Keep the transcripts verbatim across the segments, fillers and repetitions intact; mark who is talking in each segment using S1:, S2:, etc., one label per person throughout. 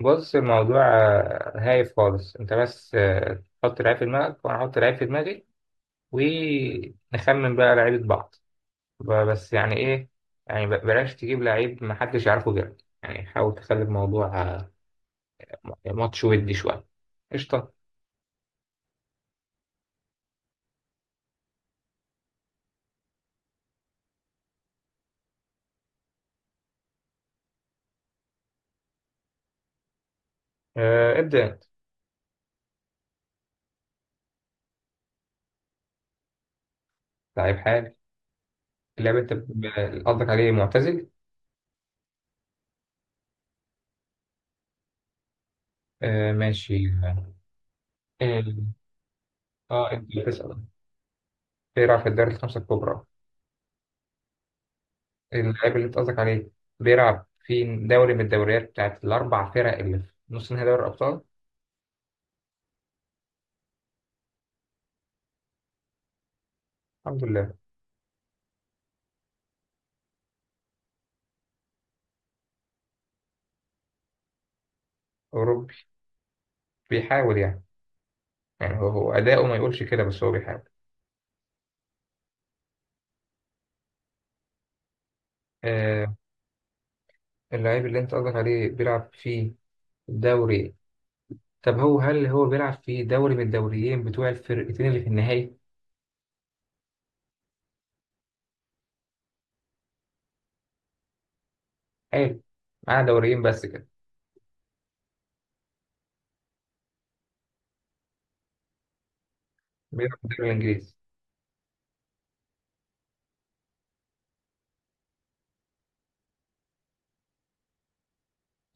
S1: بص الموضوع، آه، هايف خالص انت بس. آه، تحط لعيب في دماغك وانا احط لعيب في دماغي ونخمن بقى لعيبة بعض. ب- بس يعني ايه؟ يعني ب- بلاش تجيب لعيب محدش يعرفه غيرك، يعني حاول تخلي الموضوع آه، ماتش ودي شوية. قشطة. آه، ابدأ انت. لعيب حالي. اللاعب انت ب- قصدك عليه معتزل. آه، ماشي. اه. آه، انت بتسأل ايه رأيك في الدوري الخمسة الكبرى؟ اللاعب اللي انت قصدك عليه بيلعب في دوري من الدوريات بتاعت الأربع فرق اللي في نص نهائي دوري الأبطال. الحمد لله. أوروبي. بيحاول يعني. يعني هو هو أداؤه ما يقولش كده بس هو بيحاول. آه. اللاعب اللي أنت قصدك عليه بيلعب في دوري. طب هو، هل هو بيلعب في دوري من الدوريين بتوع الفرقتين اللي في النهائي؟ حلو. معاه دوريين بس كده. بيلعب في الدوري الإنجليزي.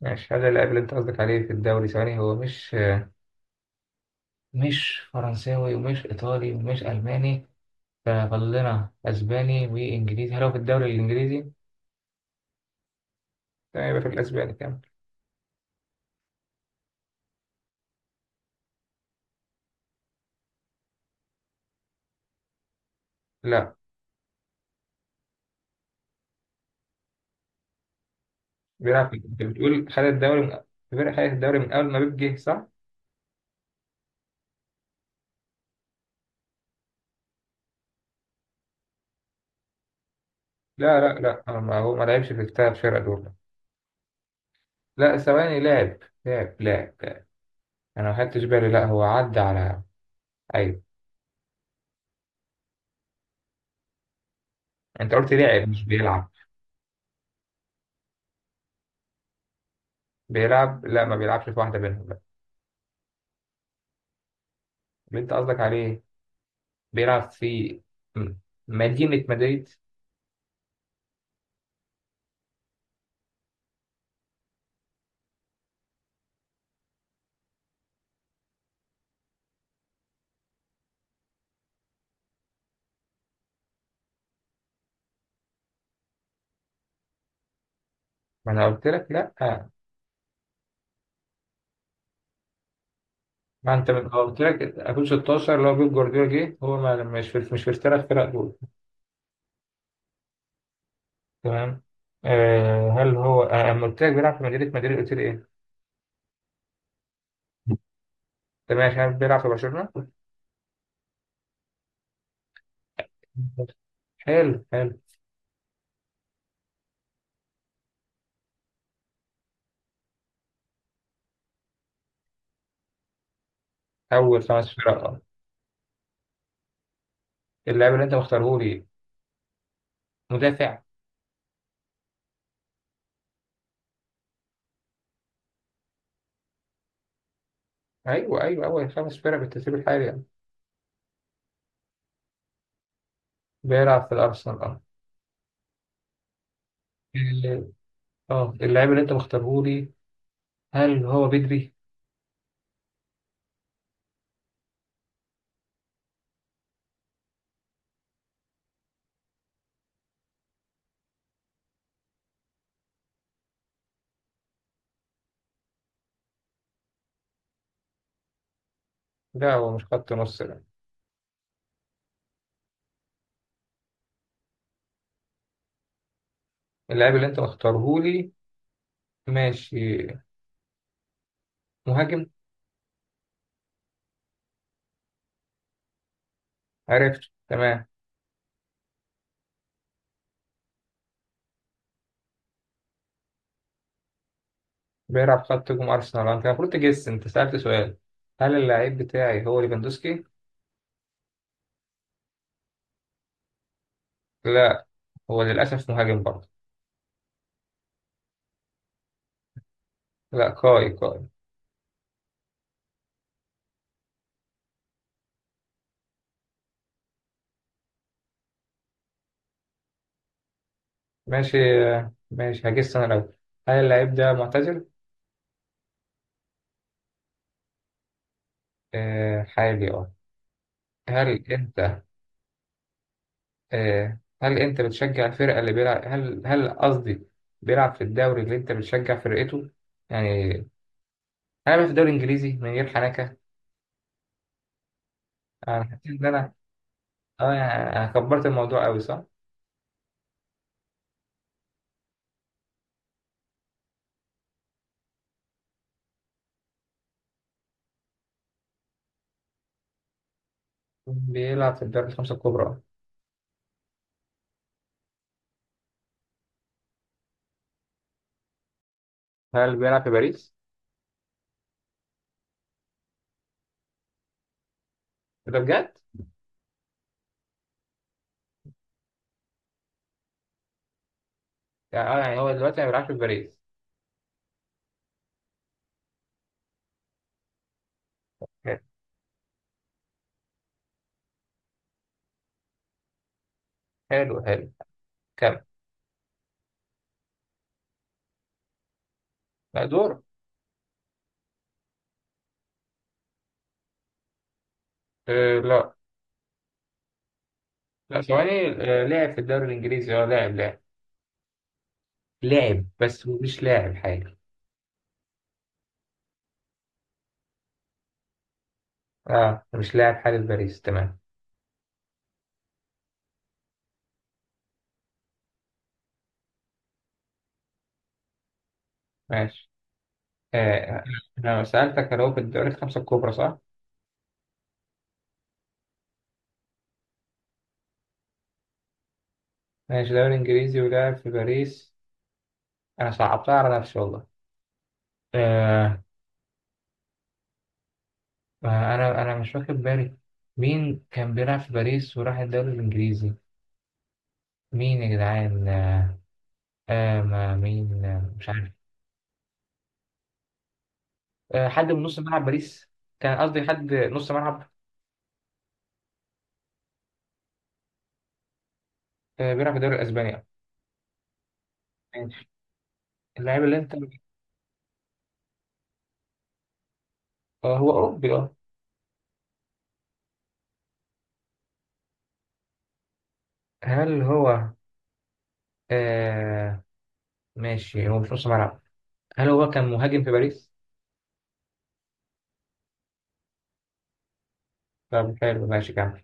S1: ماشي. هل اللاعب اللي أنت قصدك عليه في الدوري، ثواني، هو مش مش فرنساوي ومش إيطالي ومش ألماني، ففاضل لنا اسباني وانجليزي. هل هو في الدوري الانجليزي؟ تمام، يبقى في الاسباني كمان. لا، بيلعب في. انت بتقول خد الدوري من. الفرقه خدت الدوري من اول ما بيب جه صح؟ لا لا لا هو ما هو ما لعبش في الثلاث فرق دول. لا ثواني، لعب لعب لعب لعب. انا ما خدتش بالي، لا هو عدى على. ايوه. انت قلت لعب مش بيلعب. بيلعب. لا، ما بيلعبش في واحده منهم لا. اللي انت قصدك عليه بيلعب في م- مدينه مدريد. ما انا قلت لك لا آه. ما انت من هو قلت لك اكون ستاشر، اللي هو بيب جوارديولا جه، هو ما مش في مش في الثلاث فرق دول. تمام. آه هل هو. آه اما قلت لك بيلعب في مدريد مدريد قلت لي ايه؟ انت ماشي عارف. بيلعب في برشلونه؟ حلو حلو. اول خمس فرق اه. اللاعب اللي انت مختاره لي مدافع. ايوه ايوه اول خمس فرق بالترتيب الحالي يعني. بيلعب في الارسنال اه. ال- اه. اللاعب اللي انت مختاره لي، هل هو بدري؟ لا هو مش خط نص لا. اللاعب اللي انت مختاره لي ماشي مهاجم. عرفت تمام. بيلعب خط هجوم أرسنال. أنت المفروض تجس. أنت سألت سؤال. هل اللعيب بتاعي هو ليفاندوسكي؟ لا، هو للأسف مهاجم برضه. لا، كاي كاي. ماشي. ماشي هجس أنا الأول. هل اللعيب ده معتزل؟ آه حالي أه. هل أنت. آه هل أنت بتشجع الفرقة اللي بيلعب، هل هل قصدي بيلعب في الدوري اللي أنت بتشجع فرقته؟ يعني أنا بلعب في الدوري الإنجليزي من غير حنكة. أنا حسيت إن أنا. أه يعني أنا كبرت الموضوع أوي صح؟ بيلعب في الدوري الخمسة الكبرى. هل بيلعب في باريس؟ إيه ده بجد؟ يعني اه، يعني هو دلوقتي ما بيلعبش في باريس. حلو حلو حلو. كمل. لا دور. آه لا. لا ثواني، آه لعب في الدوري الإنجليزي اه، لاعب لاعب لاعب، بس هو مش لاعب حالي. اه مش لاعب حالي في باريس، تمام. ماشي. آه آه، أنا سألتك هل هو في الدوري الخمسة الكبرى صح؟ ماشي، دوري إنجليزي ولاعب في باريس. أنا صعبتها على نفسي والله. آه آه، أنا أنا مش واخد بالي. مين كان بيلعب في باريس وراح الدوري الإنجليزي؟ مين يا جدعان؟ آه، آه ما مين، آه، مش عارف. آه حد من نص ملعب باريس. كان قصدي حد نص ملعب. آه بيلعب في الدوري الاسباني آه. ماشي اللاعب اللي انت. آه هو اوروبي اه. هل هو. آه ماشي. هو مش نص ملعب. هل هو كان مهاجم في باريس؟ طب حلو ماشي كمل.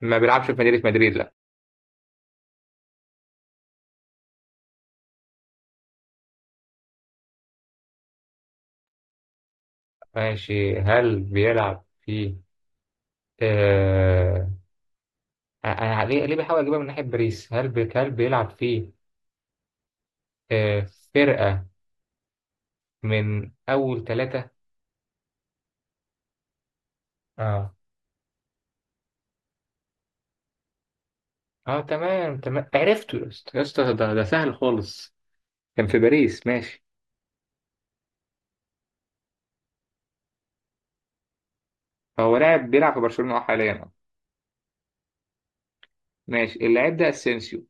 S1: ما بيلعبش في مدينة مدريد لا. ماشي هل بيلعب في آه. انا ليه ليه بحاول اجيبها من ناحية باريس. هل بي... هل بيلعب في آه فرقة من اول ثلاثة اه؟ اه تمام تمام عرفته يا اسطى يا اسطى، ده ده سهل خالص. كان في باريس ماشي. هو لاعب بيلعب في برشلونة اه، حاليا اه. ماشي. اللاعب ده اسينسيو.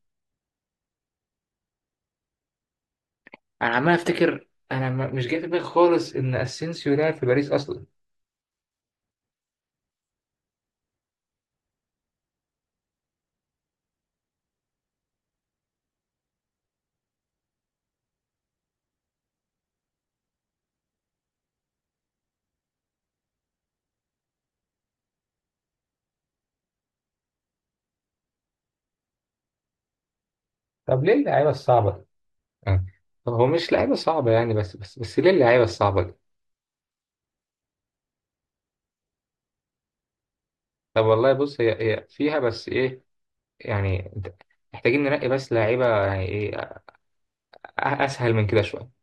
S1: انا عمال افتكر، انا ما- مش جاي في دماغي خالص ان اسينسيو لاعب في باريس اصلا. طب ليه اللعيبه الصعبه دي؟ آه. هو مش لعيبة صعبة يعني، بس بس بس ليه اللعيبة الصعبة دي؟ طب والله بص، هي هي فيها بس ايه، يعني انت- محتاجين ننقي بس لعيبة يعني ايه أ- اسهل من كده شوية